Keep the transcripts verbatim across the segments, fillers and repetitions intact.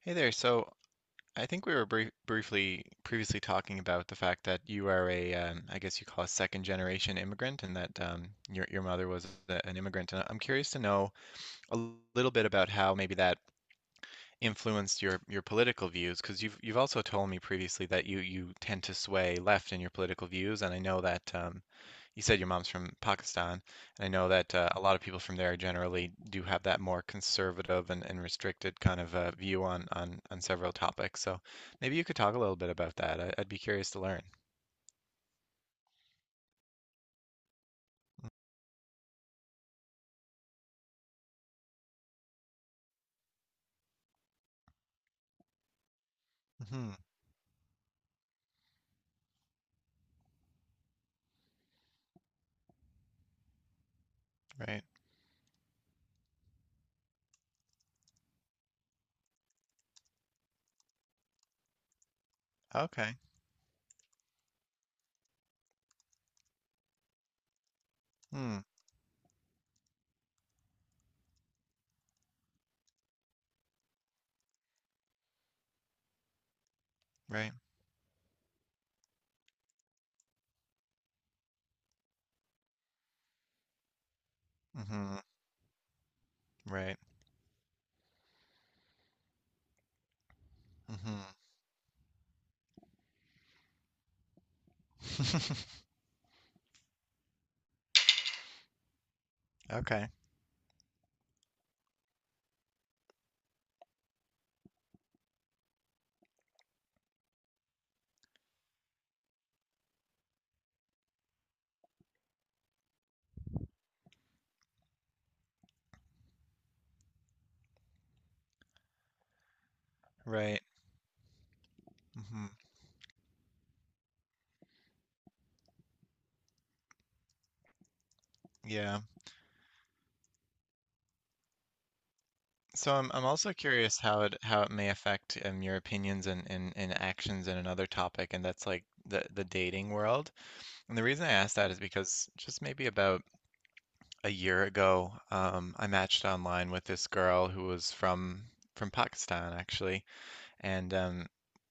Hey there. So I think we were brief briefly previously talking about the fact that you are a, um, I guess you call a second generation immigrant, and that um, your your mother was a, an immigrant. And I'm curious to know a l- little bit about how maybe that influenced your your political views, because you've you've also told me previously that you you tend to sway left in your political views, and I know that um, you said your mom's from Pakistan, and I know that uh, a lot of people from there generally do have that more conservative and, and restricted kind of uh, view on, on on several topics. So maybe you could talk a little bit about that. I, I'd be curious to learn. Mm-hmm. Right. Okay. Hmm. Right. Mm-hmm. Right. Mm-hmm. Okay. Right. Mm-hmm. Yeah. So I'm I'm also curious how it how it may affect um, your opinions and, and, and actions in another topic, and that's like the the dating world. And the reason I asked that is because just maybe about a year ago, um, I matched online with this girl who was from from Pakistan actually, and um,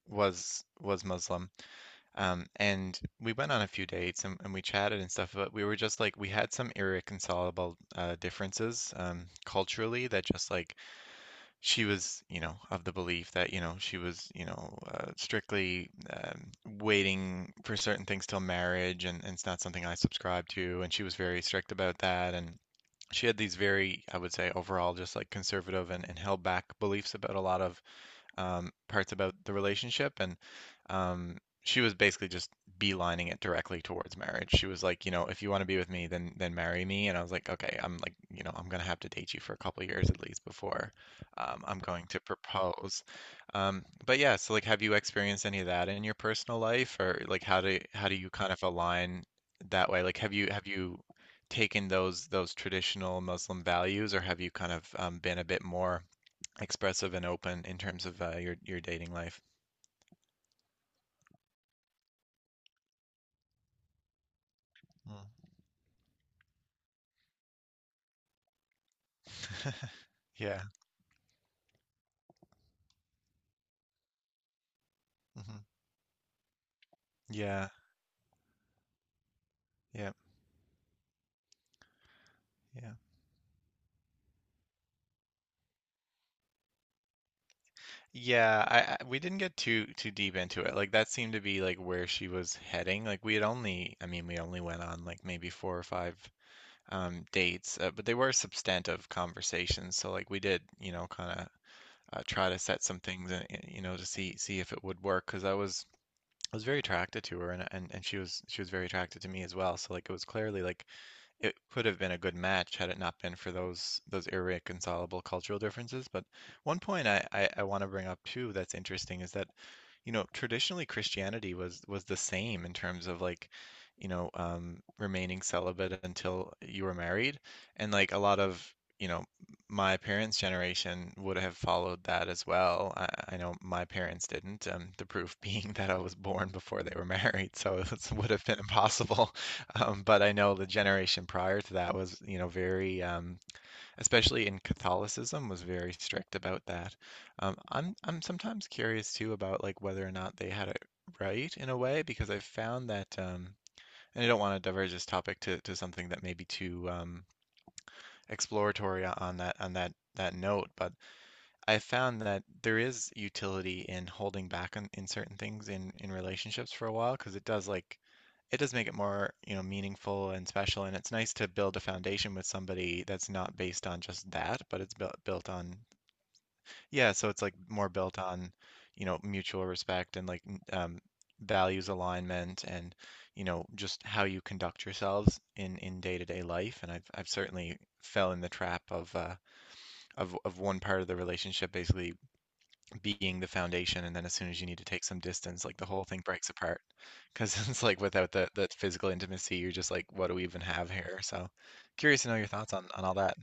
was was Muslim. Um, and we went on a few dates and, and we chatted and stuff, but we were just like we had some irreconcilable uh, differences um, culturally that just like she was, you know, of the belief that, you know, she was, you know, uh, strictly um, waiting for certain things till marriage, and, and it's not something I subscribe to. And she was very strict about that. And she had these very, I would say, overall, just like conservative and, and held back beliefs about a lot of um, parts about the relationship, and um, she was basically just beelining it directly towards marriage. She was like, you know, if you want to be with me, then then marry me. And I was like, okay, I'm like, you know, I'm gonna have to date you for a couple of years at least before um, I'm going to propose. Um, but yeah, so like, have you experienced any of that in your personal life, or like, how do how do you kind of align that way? Like, have you have you taken those those traditional Muslim values, or have you kind of um, been a bit more expressive and open in terms of uh, your your dating life. Mm. Yeah. Hmm. Yeah. Yeah. Yeah. Yeah, I, I we didn't get too too deep into it. Like that seemed to be like where she was heading. Like we had only, I mean, we only went on like maybe four or five um dates, uh, but they were substantive conversations. So like we did, you know, kind of uh, try to set some things in, in- you know, to see see if it would work because I was I was very attracted to her and and and she was she was very attracted to me as well. So like it was clearly like it could have been a good match had it not been for those those irreconcilable cultural differences. But one point I, I, I want to bring up too that's interesting is that, you know, traditionally Christianity was was the same in terms of like, you know, um, remaining celibate until you were married, and like a lot of you know my parents' generation would have followed that as well. I, I know my parents didn't. Um, the proof being that I was born before they were married, so it would have been impossible. Um, but I know the generation prior to that was, you know, very, um, especially in Catholicism, was very strict about that. Um, I'm I'm sometimes curious too about like whether or not they had it right in a way because I've found that, um, and I don't want to diverge this topic to, to something that may be too um, exploratory on that on that that note, but I found that there is utility in holding back on in certain things in in relationships for a while because it does like it does make it more, you know, meaningful and special and it's nice to build a foundation with somebody that's not based on just that, but it's built built on yeah, so it's like more built on, you know, mutual respect and like n- um values alignment and you know just how you conduct yourselves in in day-to-day life and I've I've certainly fell in the trap of uh of of one part of the relationship basically being the foundation and then as soon as you need to take some distance like the whole thing breaks apart because it's like without the that physical intimacy you're just like what do we even have here so curious to know your thoughts on on all that.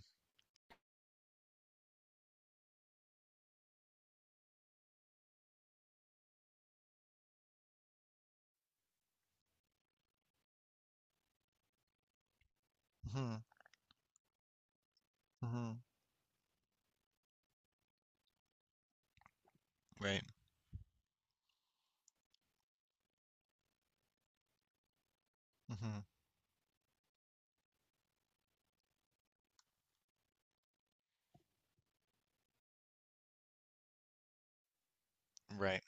Hmm. Hmm. Right. Hmm. Right.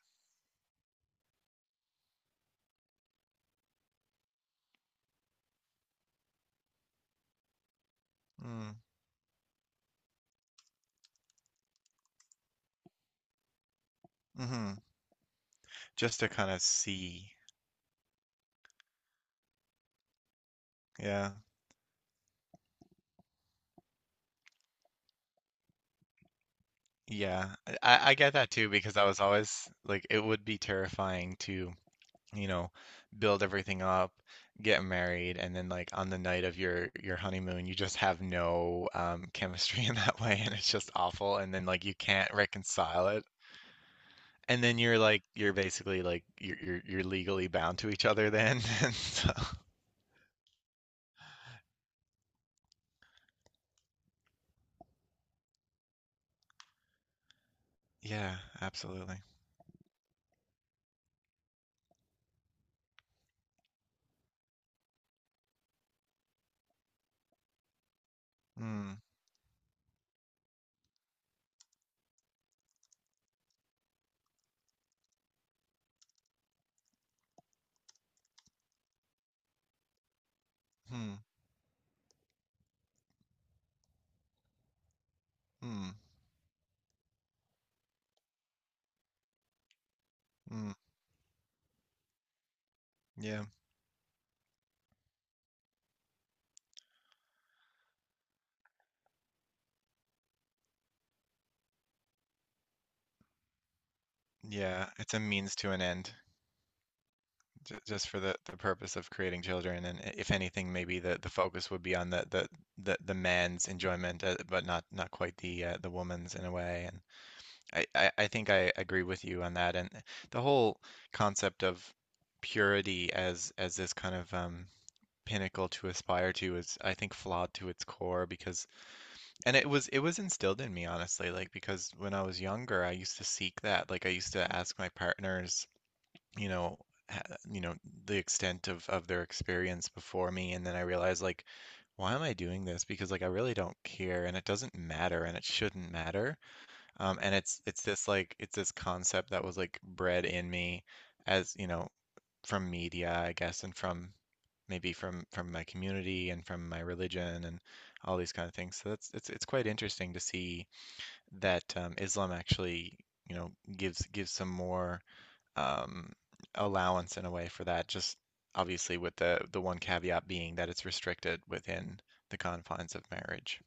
Mm. Hmm. Just to kind of see. Yeah. Yeah, I, I I get that too because I was always like it would be terrifying to you know, build everything up, get married, and then like on the night of your your honeymoon, you just have no um, chemistry in that way, and it's just awful. And then like you can't reconcile it, and then you're like you're basically like you're you're, you're legally bound to each other then. And so, yeah, absolutely. Hmm. Hmm. Hmm. Hmm. Yeah. Yeah. It's a means to an end. Ju- just for the, the purpose of creating children, and i- if anything, maybe the, the focus would be on the the, the, the man's enjoyment, uh, but not not quite the uh, the woman's in a way. And I, I, I think I agree with you on that. And the whole concept of purity as as this kind of um, pinnacle to aspire to is, I think, flawed to its core because, and it was it was instilled in me honestly, like because when I was younger, I used to seek that. Like I used to ask my partners you know ha- you know the extent of of their experience before me and then I realized like why am I doing this because like I really don't care and it doesn't matter and it shouldn't matter um and it's it's this like it's this concept that was like bred in me as you know from media I guess and from maybe from from my community and from my religion and all these kind of things so that's it's it's quite interesting to see that um, Islam actually you know gives gives some more um, allowance in a way for that, just obviously with the the one caveat being that it's restricted within the confines of marriage.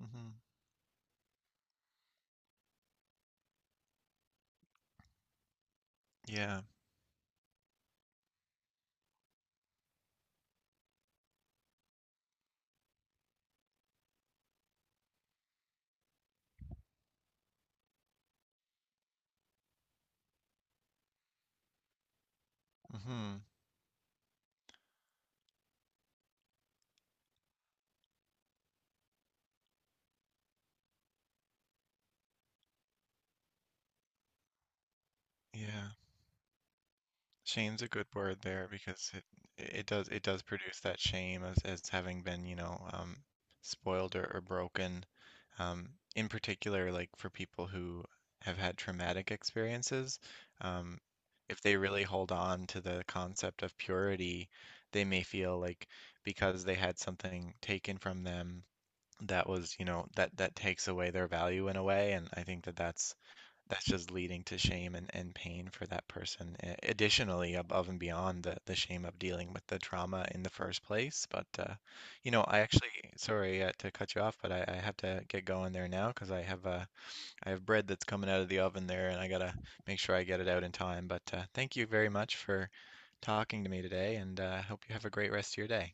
Hmm. Yeah. Hmm. Yeah. Shame's a good word there because it it does it does produce that shame as as having been, you know, um, spoiled or, or broken. Um, in particular, like for people who have had traumatic experiences, um, if they really hold on to the concept of purity, they may feel like because they had something taken from them that was, you know, that that takes away their value in a way, and I think that that's that's just leading to shame and, and pain for that person. A- Additionally, above and beyond the, the shame of dealing with the trauma in the first place. But, uh, you know, I actually, sorry uh, to cut you off, but I, I have to get going there now because I have uh, I have bread that's coming out of the oven there, and I gotta make sure I get it out in time. But uh, thank you very much for talking to me today, and uh, I hope you have a great rest of your day.